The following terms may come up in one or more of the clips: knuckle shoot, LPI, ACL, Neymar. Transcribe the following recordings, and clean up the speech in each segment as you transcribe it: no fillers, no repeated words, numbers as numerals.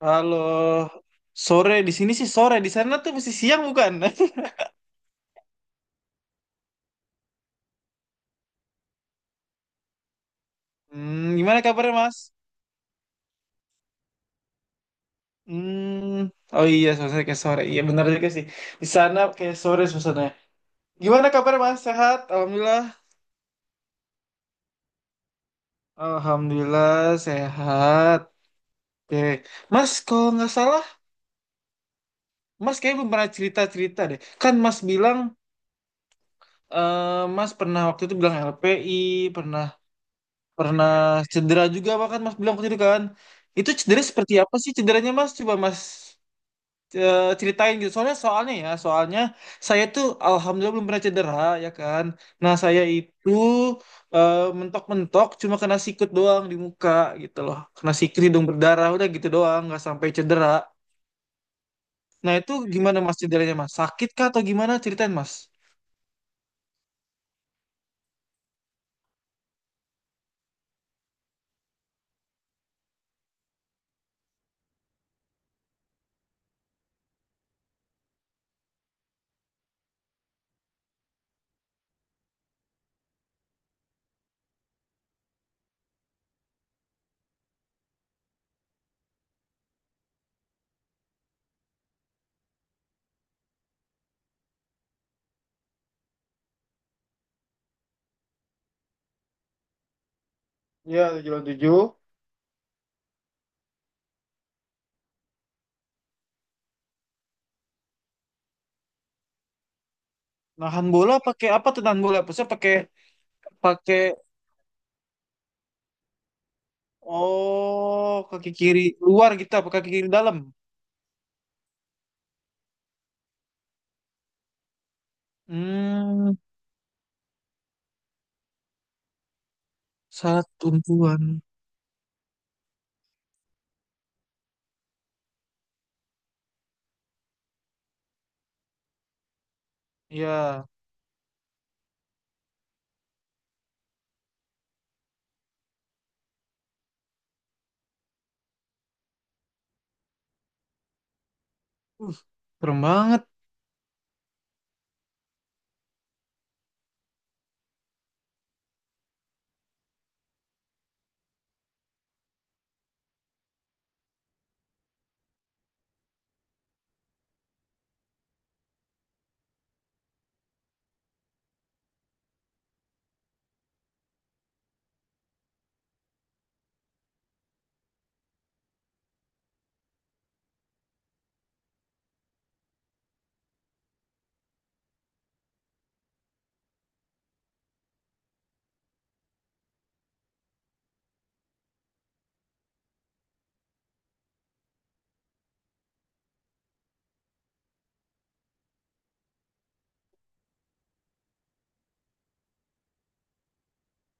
Halo, sore di sini sih sore di sana tuh masih siang bukan? Gimana kabarnya Mas? Hmm, oh iya suasana kayak sore, iya benar juga sih. Di sana kayak sore suasananya. Gimana kabarnya Mas? Sehat? Alhamdulillah. Alhamdulillah sehat. Oke, Mas kalau nggak salah, Mas kayaknya belum pernah cerita cerita deh. Kan Mas bilang, Mas pernah waktu itu bilang LPI, pernah pernah cedera juga bahkan Mas bilang tadi kan. Itu cedera seperti apa sih cederanya Mas? Coba Mas ceritain gitu. Soalnya soalnya ya, soalnya saya tuh alhamdulillah belum pernah cedera ya kan. Nah, saya itu mentok-mentok cuma kena sikut doang di muka gitu loh. Kena sikut hidung berdarah udah gitu doang, nggak sampai cedera. Nah, itu gimana Mas cederanya Mas? Sakit kah atau gimana? Ceritain Mas. Iya, 7 lawan 7. Nahan bola pakai apa tuh nahan bola? Maksudnya pakai pakai Oh, kaki kiri luar gitu apa kaki kiri dalam? Hmm, saat tumpuan. Ya, uh, serem banget.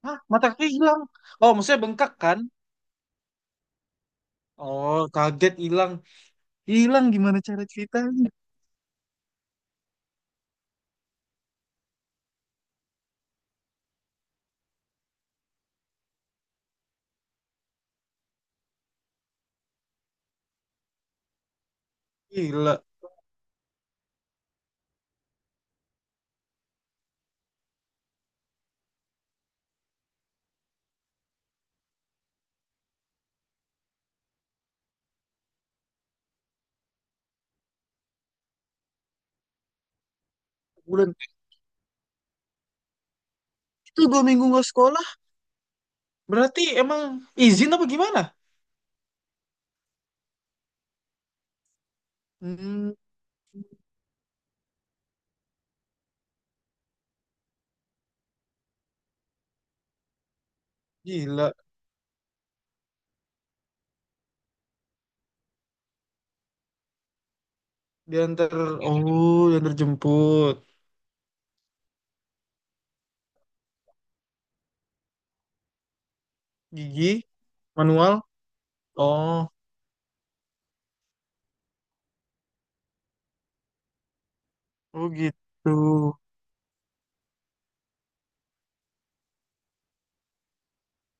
Hah, mata kaki hilang. Oh, maksudnya bengkak kan? Oh, kaget hilang. Hilang gimana cara ceritanya? Gila. Bulan itu dua minggu nggak sekolah. Berarti emang izin apa gimana? Hmm, gila. Diantar, oh, diantar jemput. Gigi, manual. Oh, oh gitu.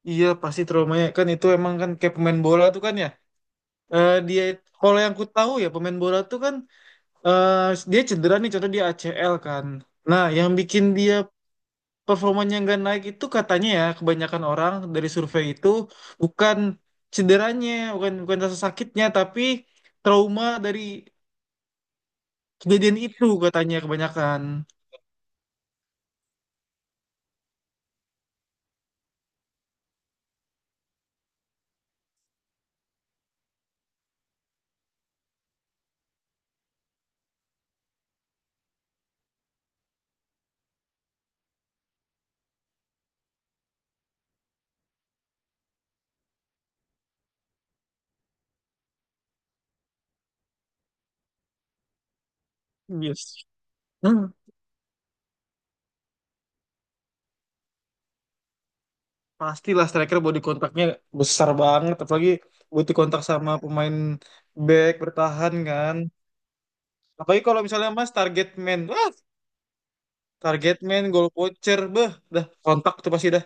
Iya pasti traumanya kan itu emang kan kayak pemain bola tuh kan ya dia, kalau yang ku tahu ya pemain bola tuh kan, eh, dia cedera nih contoh dia ACL kan, nah yang bikin dia performanya nggak naik itu katanya ya kebanyakan orang dari survei itu bukan cederanya, bukan bukan rasa sakitnya tapi trauma dari kejadian itu katanya kebanyakan. Yes. Pastilah striker body kontaknya besar banget, apalagi butuh kontak sama pemain back bertahan kan. Apalagi kalau misalnya Mas target man, wah target man, goal poacher, beh, dah kontak tuh pasti dah.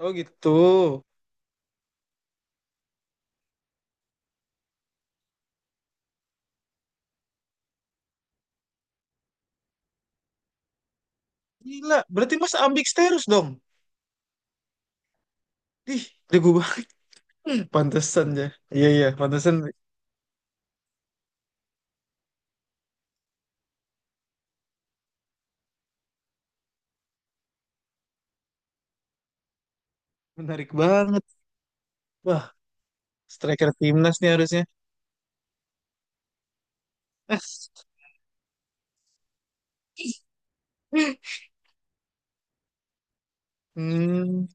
Oh gitu. Gila, berarti Mas ambidextrous dong. Ih, jago banget. Pantesan ya. Iya iya, pantesan menarik banget. Wah, striker timnas nih harusnya. Hmm,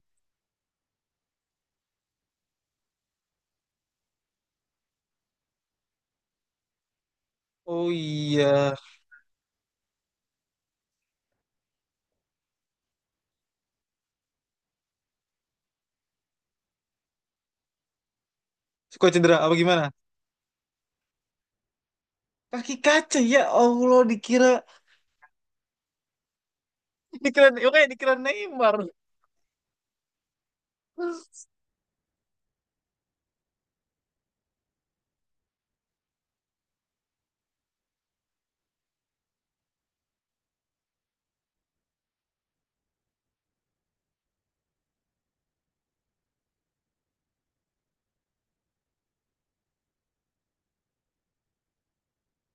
oh iya. Suka cedera apa gimana? Kaki kaca ya Allah dikira Dikira, oke, dikira Neymar.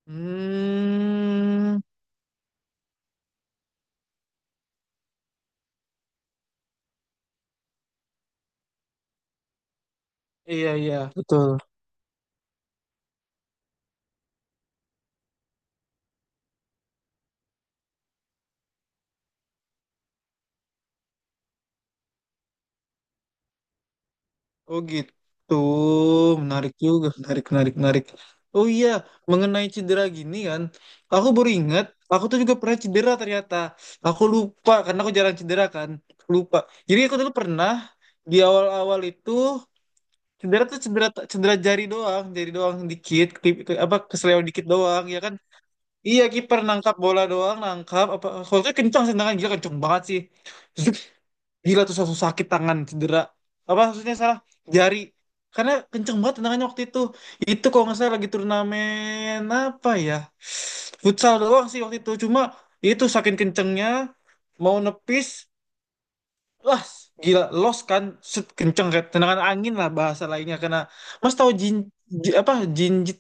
Hmm, iya iya betul. Oh gitu, menarik juga, menarik menarik menarik. Oh iya, mengenai cedera gini kan, aku baru ingat, aku tuh juga pernah cedera ternyata. Aku lupa karena aku jarang cedera kan, lupa. Jadi aku dulu pernah di awal-awal itu cedera tuh cedera cedera jari doang dikit, klip- apa kesleo dikit doang, ya kan. Iya kiper nangkap bola doang nangkap apa Holtnya kencang sih tangan gila kencang banget sih Zup, gila tuh satu sakit tangan cedera apa maksudnya salah jari karena kencang banget tendangannya waktu itu. Itu kalau nggak salah lagi turnamen apa ya, futsal doang sih waktu itu cuma itu saking kencengnya mau nepis, wah gila los kan. Set, kenceng kayak tendangan angin lah bahasa lainnya karena mas tahu jin, apa jinjit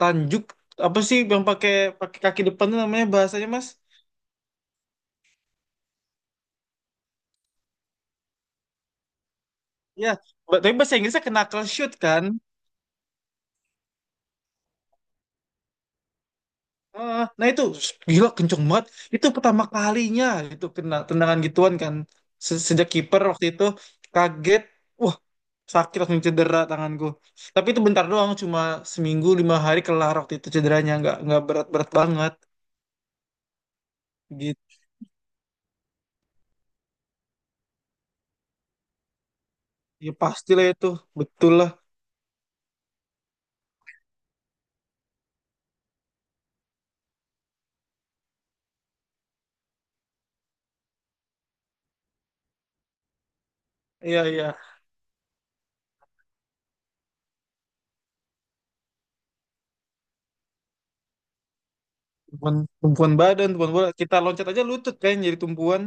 Tanjuk apa sih yang pakai pakai kaki depan tuh namanya bahasanya Mas? Ya, ba- tapi bahasa Inggrisnya knuckle shoot kan? Heeh. Nah itu s- gila kenceng banget. Itu pertama kalinya itu kena tendangan gituan kan. Se- Sejak kiper waktu itu kaget. Wah, sakit langsung cedera tanganku. Tapi itu bentar doang, cuma seminggu lima hari kelar waktu itu cederanya nggak berat-berat banget. Gitu. Ya pastilah itu, betul lah. Iya iya, tumpuan, tumpuan badan, tumpuan bola. Kita loncat aja lutut kan jadi tumpuan.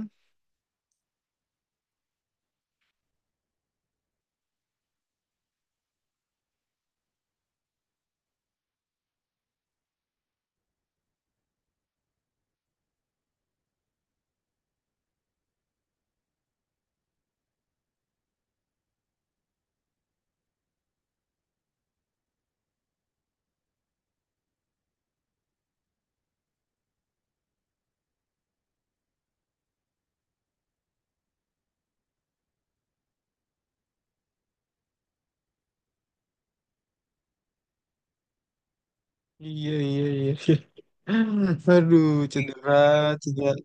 Iya, iya, iya. iya. Aduh, cedera, cedera.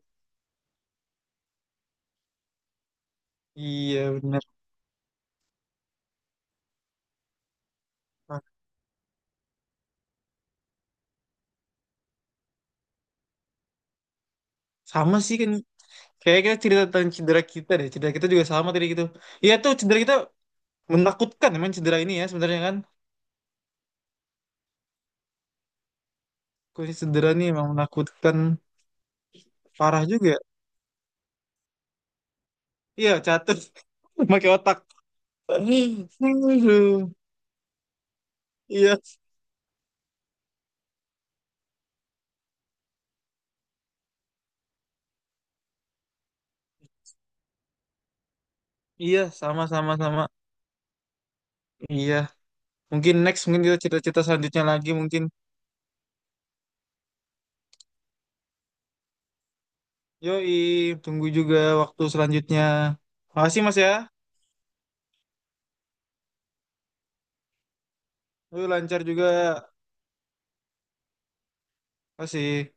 Iya, bener. Ah, Sama sih kan. Kayaknya kita cerita tentang cedera kita deh. Cedera kita juga sama tadi gitu. Iya tuh, cedera kita menakutkan emang cedera ini ya sebenarnya kan. Kondisi cedera ini emang menakutkan. Parah juga. Ya? Iya, catur. Pakai otak. Aduh. Iya, iya, sama-sama sama, sama, sama. Iya. Mungkin next, mungkin kita cerita-cerita selanjutnya lagi mungkin. Yoi, tunggu juga waktu selanjutnya. Makasih Mas ya. Lu lancar juga masih